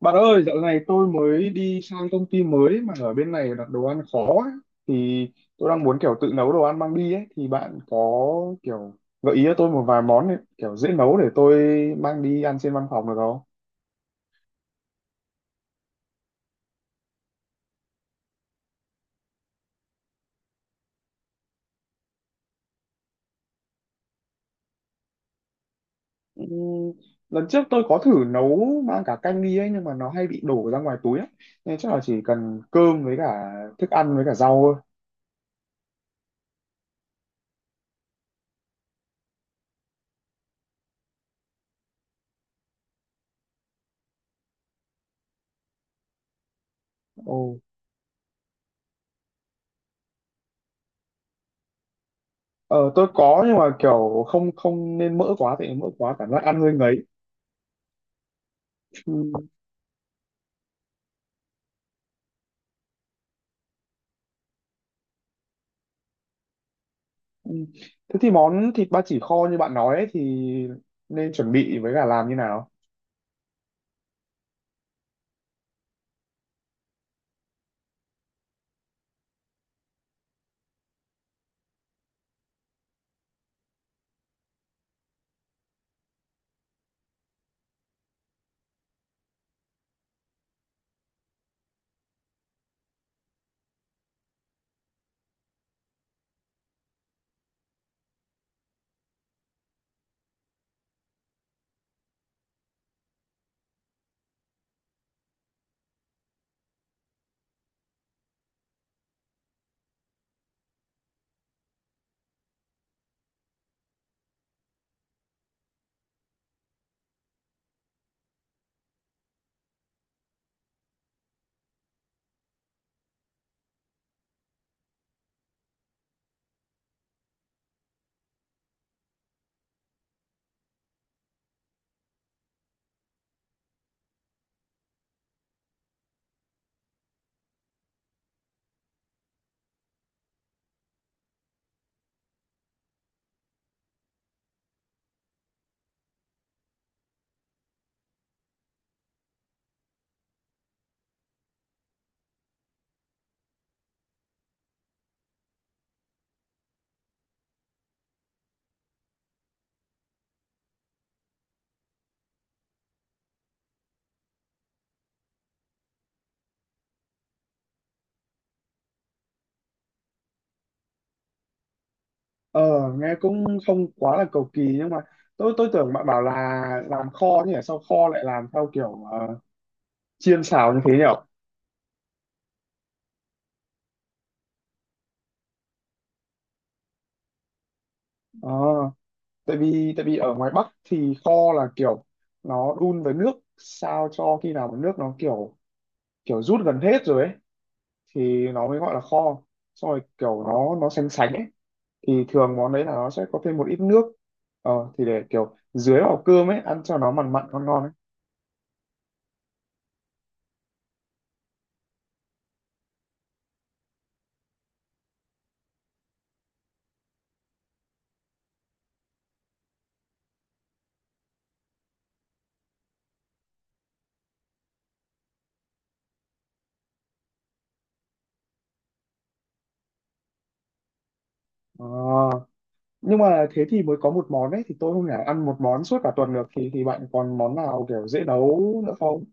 Bạn ơi, dạo này tôi mới đi sang công ty mới mà ở bên này đặt đồ ăn khó ấy. Thì tôi đang muốn kiểu tự nấu đồ ăn mang đi ấy. Thì bạn có kiểu gợi ý cho tôi một vài món ấy, kiểu dễ nấu để tôi mang đi ăn trên văn phòng được không? Ừ, lần trước tôi có thử nấu mang cả canh đi ấy nhưng mà nó hay bị đổ ra ngoài túi ấy. Nên chắc là chỉ cần cơm với cả thức ăn với cả rau thôi. Ồ. Ờ, tôi có nhưng mà kiểu không không nên mỡ quá, tại mỡ quá cảm giác ăn hơi ngấy. Ừ. Thế thì món thịt ba chỉ kho như bạn nói ấy, thì nên chuẩn bị với cả làm như nào? Ờ, nghe cũng không quá là cầu kỳ nhưng mà tôi tưởng bạn bảo là làm kho, thì sao kho lại làm theo kiểu chiên xào như thế nhỉ? Ờ, tại vì ở ngoài Bắc thì kho là kiểu nó đun với nước sao cho khi nào mà nước nó kiểu kiểu rút gần hết rồi ấy, thì nó mới gọi là kho. Xong rồi kiểu nó sánh sánh ấy, thì thường món đấy là nó sẽ có thêm một ít nước, ờ, thì để kiểu dưới vào cơm ấy ăn cho nó mặn mặn ngon ngon ấy. Ờ, nhưng mà thế thì mới có một món ấy, thì tôi không thể ăn một món suốt cả tuần được, thì bạn còn món nào kiểu dễ nấu nữa không?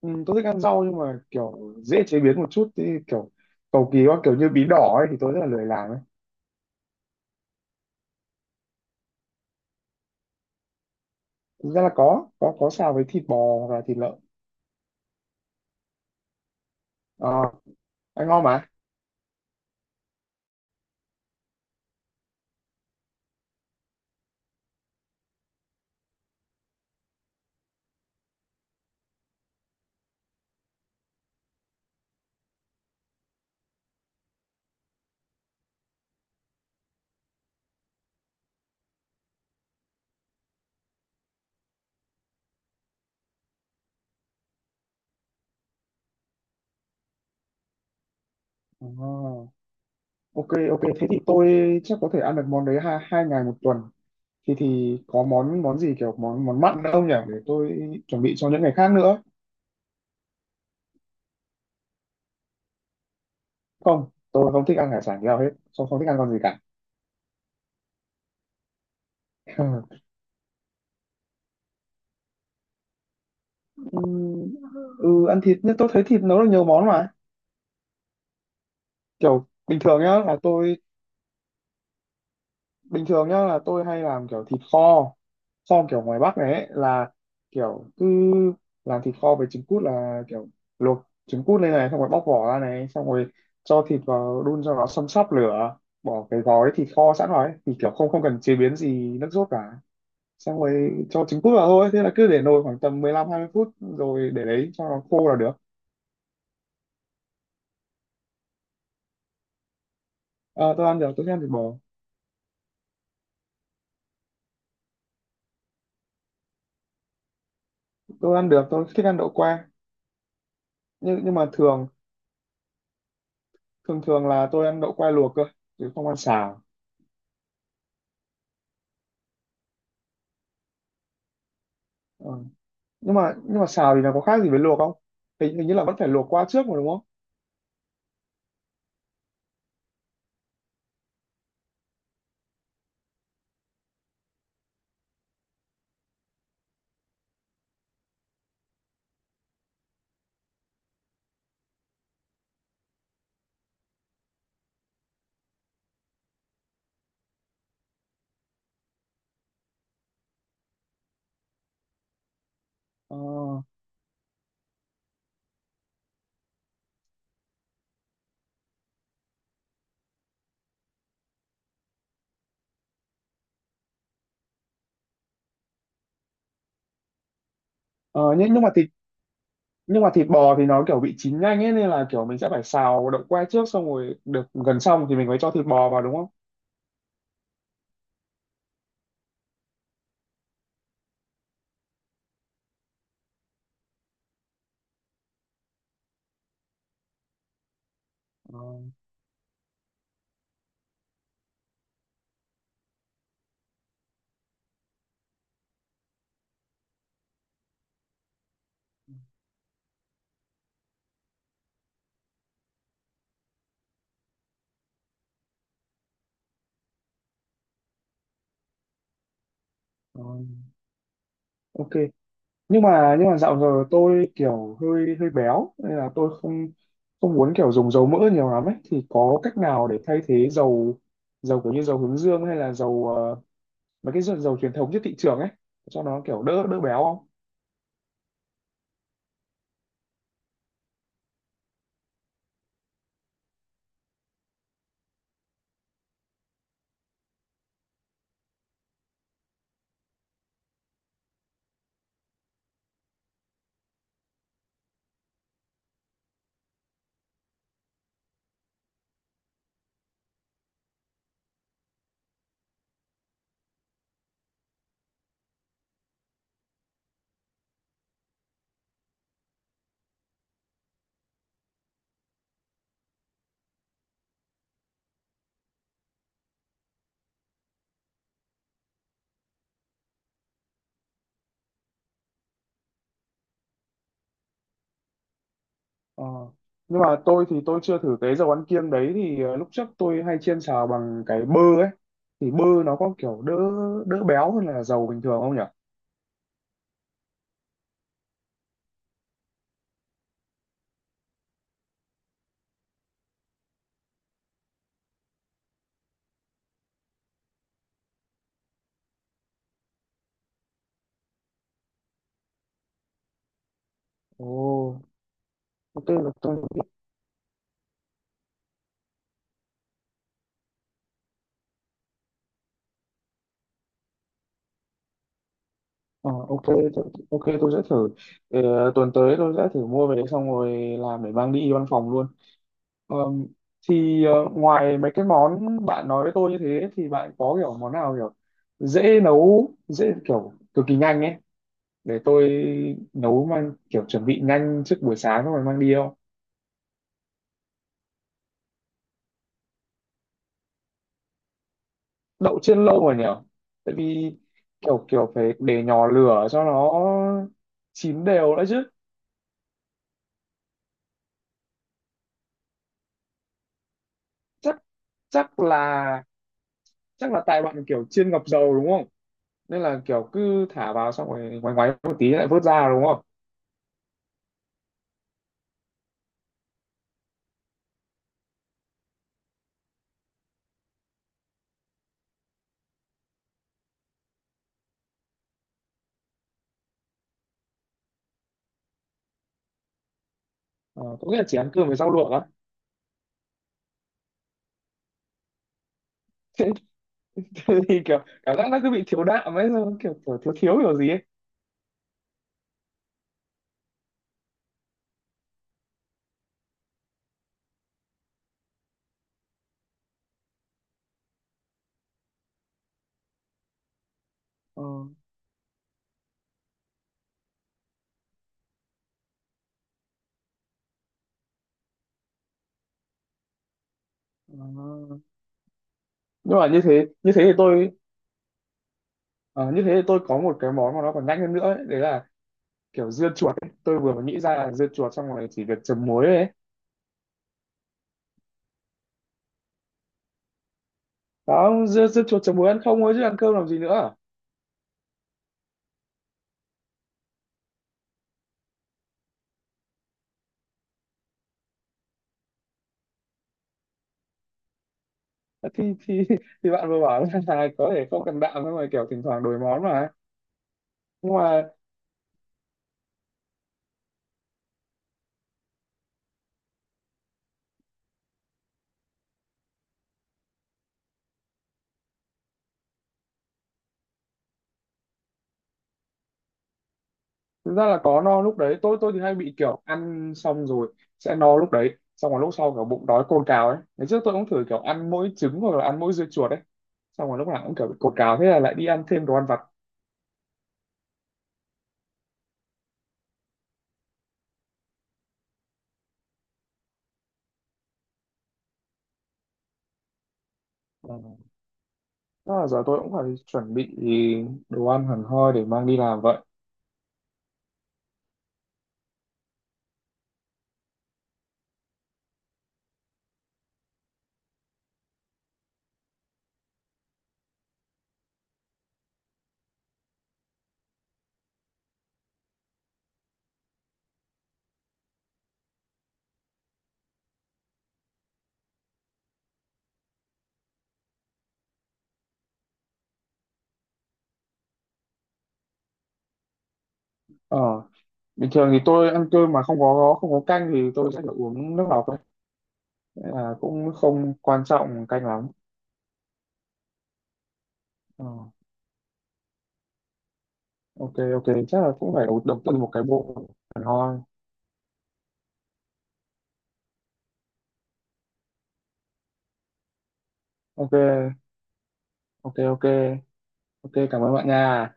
Ừ, tôi thích ăn rau nhưng mà kiểu dễ chế biến một chút, thì kiểu cầu kỳ quá kiểu như bí đỏ ấy thì tôi rất là lười làm ấy. Thực ra là có xào với thịt bò và thịt lợn. Ờ, ăn ngon mà. Ờ, ok ok thế thì tôi chắc có thể ăn được món đấy hai hai ngày một tuần, thì có món món gì kiểu món món mặn nữa không nhỉ, để tôi chuẩn bị cho những ngày khác nữa? Không, tôi không thích ăn hải sản nhiều hết, tôi không thích ăn con gì cả. Ừ, ừ, ăn thịt nhưng tôi thấy thịt nấu được nhiều món mà, kiểu bình thường nhá là tôi, bình thường nhá là tôi hay làm kiểu thịt kho, kho kiểu ngoài Bắc này ấy, là kiểu cứ làm thịt kho với trứng cút, là kiểu luộc trứng cút lên này, xong rồi bóc vỏ ra này, xong rồi cho thịt vào đun cho nó xâm sắp lửa, bỏ cái gói thịt kho sẵn rồi ấy, thì kiểu không không cần chế biến gì nước sốt cả, xong rồi cho trứng cút vào thôi, thế là cứ để nồi khoảng tầm 15-20 phút, rồi để đấy cho nó khô là được. Ờ, tôi ăn được, tôi thích ăn thịt bò. Tôi ăn được, tôi thích ăn đậu que. Nhưng nhưng mà thường thường thường là tôi ăn đậu que luộc cơ, chứ không ăn xào. Ờ. Nhưng mà xào thì nó có khác gì với luộc không? Hình như là vẫn phải luộc qua trước mà, đúng không? Ờ, ờ, nhưng mà thịt bò thì nó kiểu bị chín nhanh ấy, nên là kiểu mình sẽ phải xào đậu que trước, xong rồi được gần xong thì mình mới cho thịt bò vào, đúng không? Ờ, ờ, ok. Nhưng mà dạo giờ tôi kiểu hơi hơi béo nên là tôi không không muốn kiểu dùng dầu mỡ nhiều lắm ấy, thì có cách nào để thay thế dầu dầu, kiểu như dầu hướng dương hay là dầu, ờ, mấy cái dầu truyền thống trên thị trường ấy, cho nó kiểu đỡ đỡ béo không? Ờ. Nhưng mà tôi thì tôi chưa thử cái dầu ăn kiêng đấy, thì ờ, lúc trước tôi hay chiên xào bằng cái bơ ấy, thì bơ nó có kiểu đỡ đỡ béo hơn là dầu bình thường không nhỉ? Ồ, ok là tôi, ờ, ok, ok tôi sẽ thử. Ờ, tuần tới tôi sẽ thử mua về đấy, xong rồi làm để mang đi văn phòng luôn. Ờ, thì ờ, ngoài mấy cái món bạn nói với tôi như thế, thì bạn có kiểu món nào kiểu dễ nấu, dễ kiểu cực kỳ nhanh ấy, để tôi nấu mang kiểu chuẩn bị nhanh trước buổi sáng xong rồi mang đi không? Đậu chiên lâu rồi nhở, tại vì kiểu kiểu phải để nhỏ lửa cho nó chín đều đã chứ. Chắc chắc là Chắc là tại bạn kiểu chiên ngập dầu đúng không, nên là kiểu cứ thả vào xong rồi ngoáy ngoáy một tí lại vớt ra đúng không? Ờ, có nghĩa là chỉ ăn cơm với rau luộc á? Thế, thì kiểu cảm giác nó cứ bị thiếu đạm ấy, xong kiểu thiếu thiếu kiểu gì ấy. Ờ, ờ. Như thế thì tôi, ờ, như thế thì tôi có một cái món mà nó còn nhanh hơn nữa ấy, đấy là kiểu dưa chuột ấy. Tôi vừa mới nghĩ ra là dưa chuột xong rồi chỉ việc chấm muối thôi ấy. Đó, dưa chuột chấm muối ăn không thôi chứ ăn cơm làm gì nữa. Thì thì bạn vừa bảo là có thể không cần đạm, nhưng mà kiểu thỉnh thoảng đổi món mà. Nhưng mà thực ra là có no lúc đấy, tôi thì hay bị kiểu ăn xong rồi sẽ no lúc đấy, xong rồi lúc sau kiểu bụng đói cồn cào ấy. Ngày trước tôi cũng thử kiểu ăn mỗi trứng hoặc là ăn mỗi dưa chuột ấy. Xong rồi lúc nào cũng kiểu bị cồn cào, thế là lại đi ăn thêm đồ ăn vặt. Đó là giờ tôi cũng phải chuẩn bị đồ ăn hẳn hoi để mang đi làm vậy. Ờ, bình thường thì tôi ăn cơm mà không có canh thì tôi sẽ phải uống nước lọc ấy. Nên là cũng không quan trọng canh lắm. Ờ, ok ok chắc là cũng phải đầu đầu tư một cái bộ hẳn hoi. Ok ok ok ok cảm ơn bạn nha.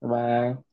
Bye bye.